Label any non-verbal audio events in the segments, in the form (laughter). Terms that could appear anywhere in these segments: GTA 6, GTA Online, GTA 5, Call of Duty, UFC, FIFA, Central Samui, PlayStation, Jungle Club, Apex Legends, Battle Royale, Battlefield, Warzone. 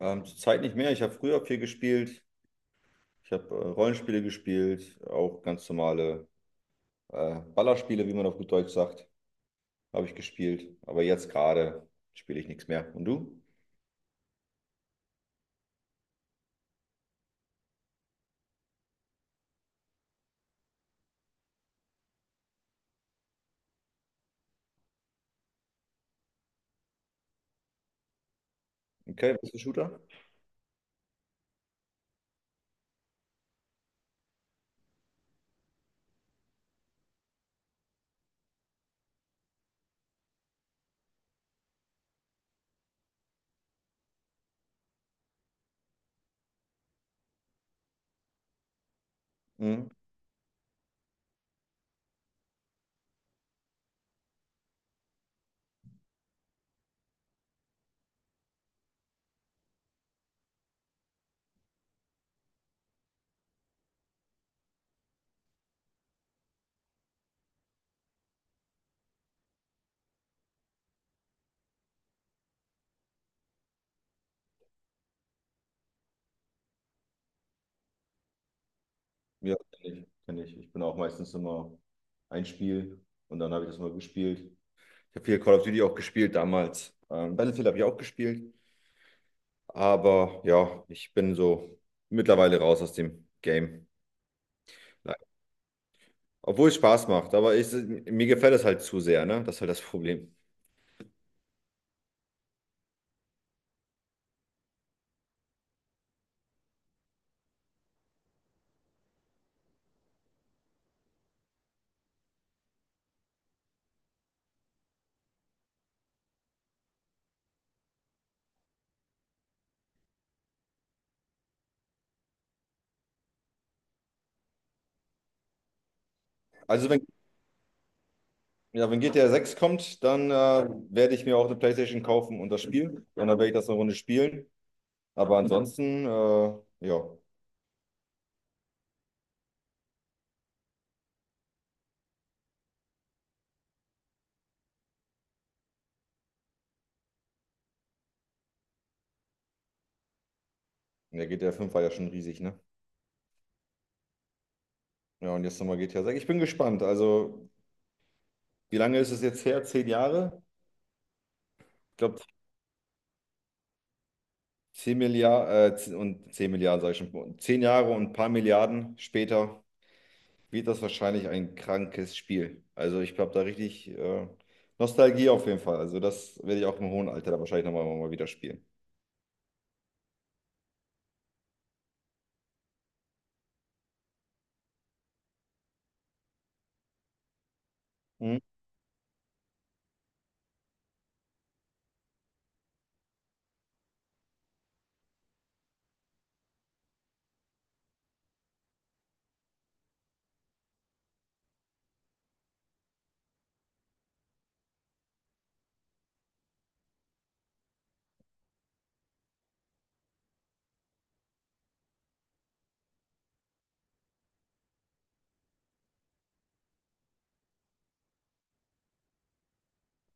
Zurzeit nicht mehr. Ich habe früher viel gespielt. Ich habe Rollenspiele gespielt, auch ganz normale Ballerspiele, wie man auf gut Deutsch sagt, habe ich gespielt. Aber jetzt gerade spiele ich nichts mehr. Und du? Okay, bist du Shooter? Mhm. Ja, kenne ich, kenn ich. Ich bin auch meistens immer ein Spiel und dann habe ich das mal gespielt. Ich habe viel Call of Duty auch gespielt damals. Battlefield habe ich auch gespielt. Aber ja, ich bin so mittlerweile raus aus dem Game. Obwohl es Spaß macht, aber mir gefällt es halt zu sehr, ne? Das ist halt das Problem. Also wenn, ja, wenn GTA 6 kommt, dann werde ich mir auch eine PlayStation kaufen und das Spiel. Und dann werde ich das eine Runde spielen. Aber ansonsten, ja, der GTA 5 war ja schon riesig, ne? Ja, und jetzt nochmal GTA 6. Ich bin gespannt. Also, wie lange ist es jetzt her? 10 Jahre? Ich glaube, 10 Milliarden, 10 und 10 Milliarden, sage ich schon. 10 Jahre und ein paar Milliarden später wird das wahrscheinlich ein krankes Spiel. Also ich glaube da richtig Nostalgie auf jeden Fall. Also das werde ich auch im hohen Alter da wahrscheinlich nochmal mal wieder spielen. Mhm.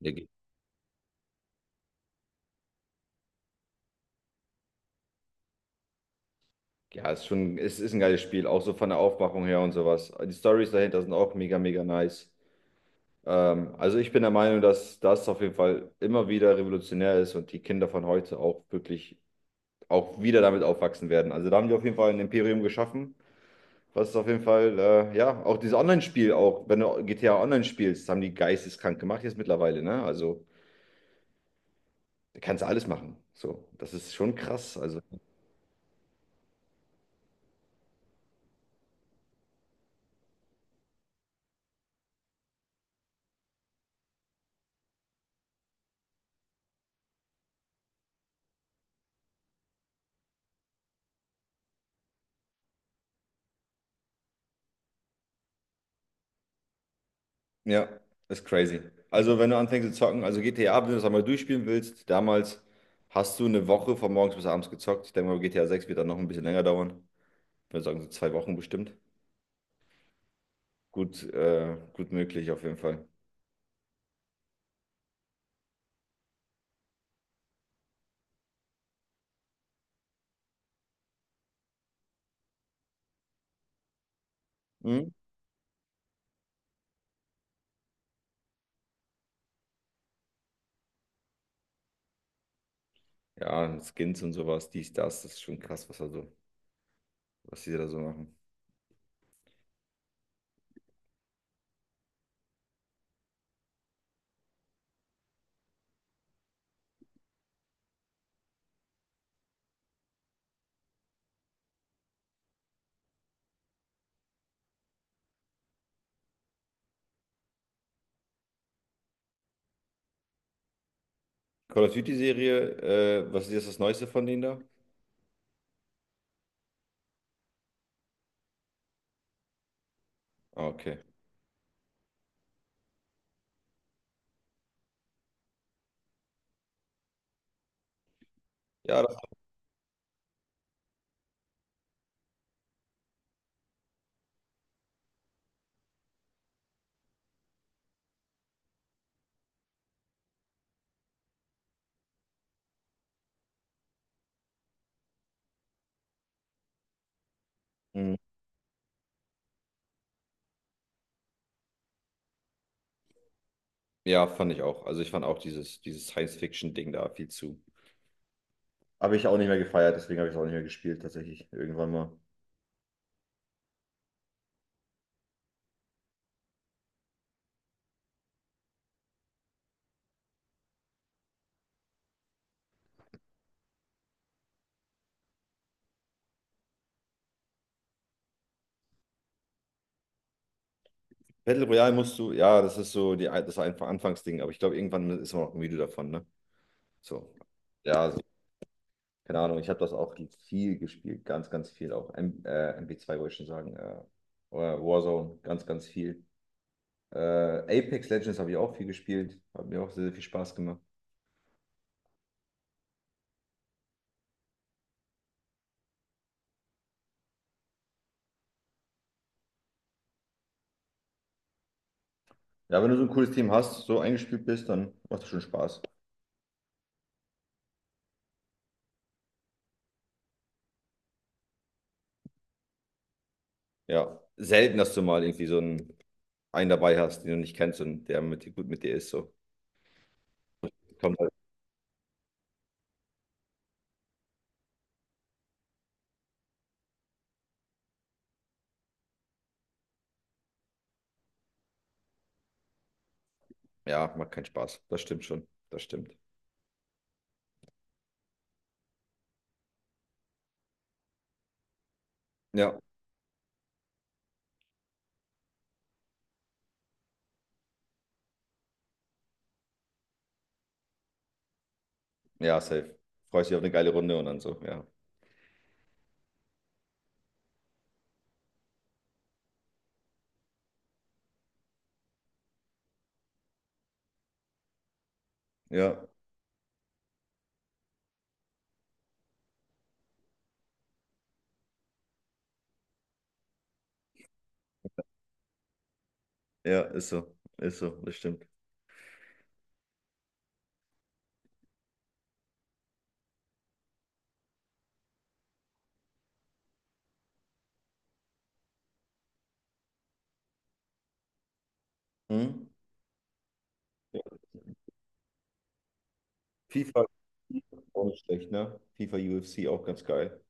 Ja, ge- ja, ist schon, es ist ein geiles Spiel, auch so von der Aufmachung her und sowas. Die Stories dahinter sind auch mega, mega nice. Also ich bin der Meinung, dass das auf jeden Fall immer wieder revolutionär ist und die Kinder von heute auch wirklich auch wieder damit aufwachsen werden. Also da haben die auf jeden Fall ein Imperium geschaffen. Was auf jeden Fall, ja, auch dieses Online-Spiel, auch wenn du GTA Online spielst, das haben die geisteskrank gemacht jetzt mittlerweile, ne? Also, da kannst du alles machen. So, das ist schon krass. Also, ja, ist crazy. Also, wenn du anfängst zu zocken, also GTA, wenn du das einmal durchspielen willst, damals hast du eine Woche von morgens bis abends gezockt. Ich denke mal, GTA 6 wird dann noch ein bisschen länger dauern. Ich würde sagen, so 2 Wochen bestimmt. Gut, gut möglich auf jeden Fall. Mhm. Ja, Skins und sowas, dies, das, das ist schon krass, was da so, was die da so machen. Call of Duty-Serie, was ist jetzt das Neueste von denen da? Ah, okay. Ja, das. Mhm. Ja, fand ich auch. Also ich fand auch dieses Science-Fiction-Ding da viel zu. Habe ich auch nicht mehr gefeiert, deswegen habe ich es auch nicht mehr gespielt, tatsächlich. Irgendwann mal. Battle Royale musst du, ja, das ist so die, das einfach Anfangsding, aber ich glaube, irgendwann ist man auch müde davon, ne? So. Ja, also, keine Ahnung, ich habe das auch viel gespielt, ganz, ganz viel auch. M MB2 wollte ich schon sagen, oder Warzone, ganz, ganz viel. Äh, Apex Legends habe ich auch viel gespielt, hat mir auch sehr, sehr viel Spaß gemacht. Ja, wenn du so ein cooles Team hast, so eingespielt bist, dann macht das schon Spaß. Ja, selten, dass du mal irgendwie so einen dabei hast, den du nicht kennst und der mit dir gut mit dir ist. So. Kommt halt. Ja, macht keinen Spaß. Das stimmt schon. Das stimmt. Ja, ja, safe. Freust dich auf eine geile Runde und dann so. Ja, ja, ja, ist so. Ist so. Das stimmt. Mhm. Ja. FIFA auch nicht schlecht, ne? FIFA UFC auch ganz geil.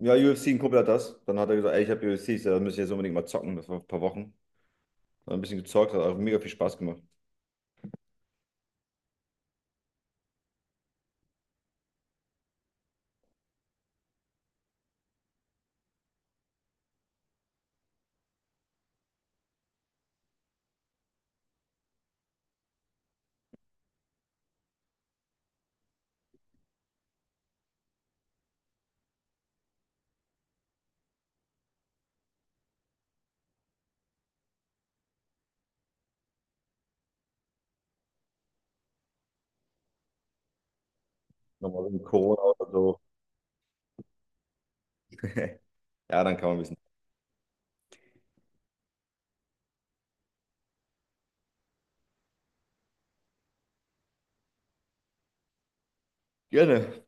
Ja, UFC, ein Kumpel hat das. Dann hat er gesagt, ey, ich habe UFC, da müssen wir jetzt unbedingt mal zocken. Das war vor ein paar Wochen. Dann ein bisschen gezockt, hat auch mega viel Spaß gemacht. Nochmal wegen Corona oder so. (laughs) Ja, dann kann man ein bisschen. Gerne.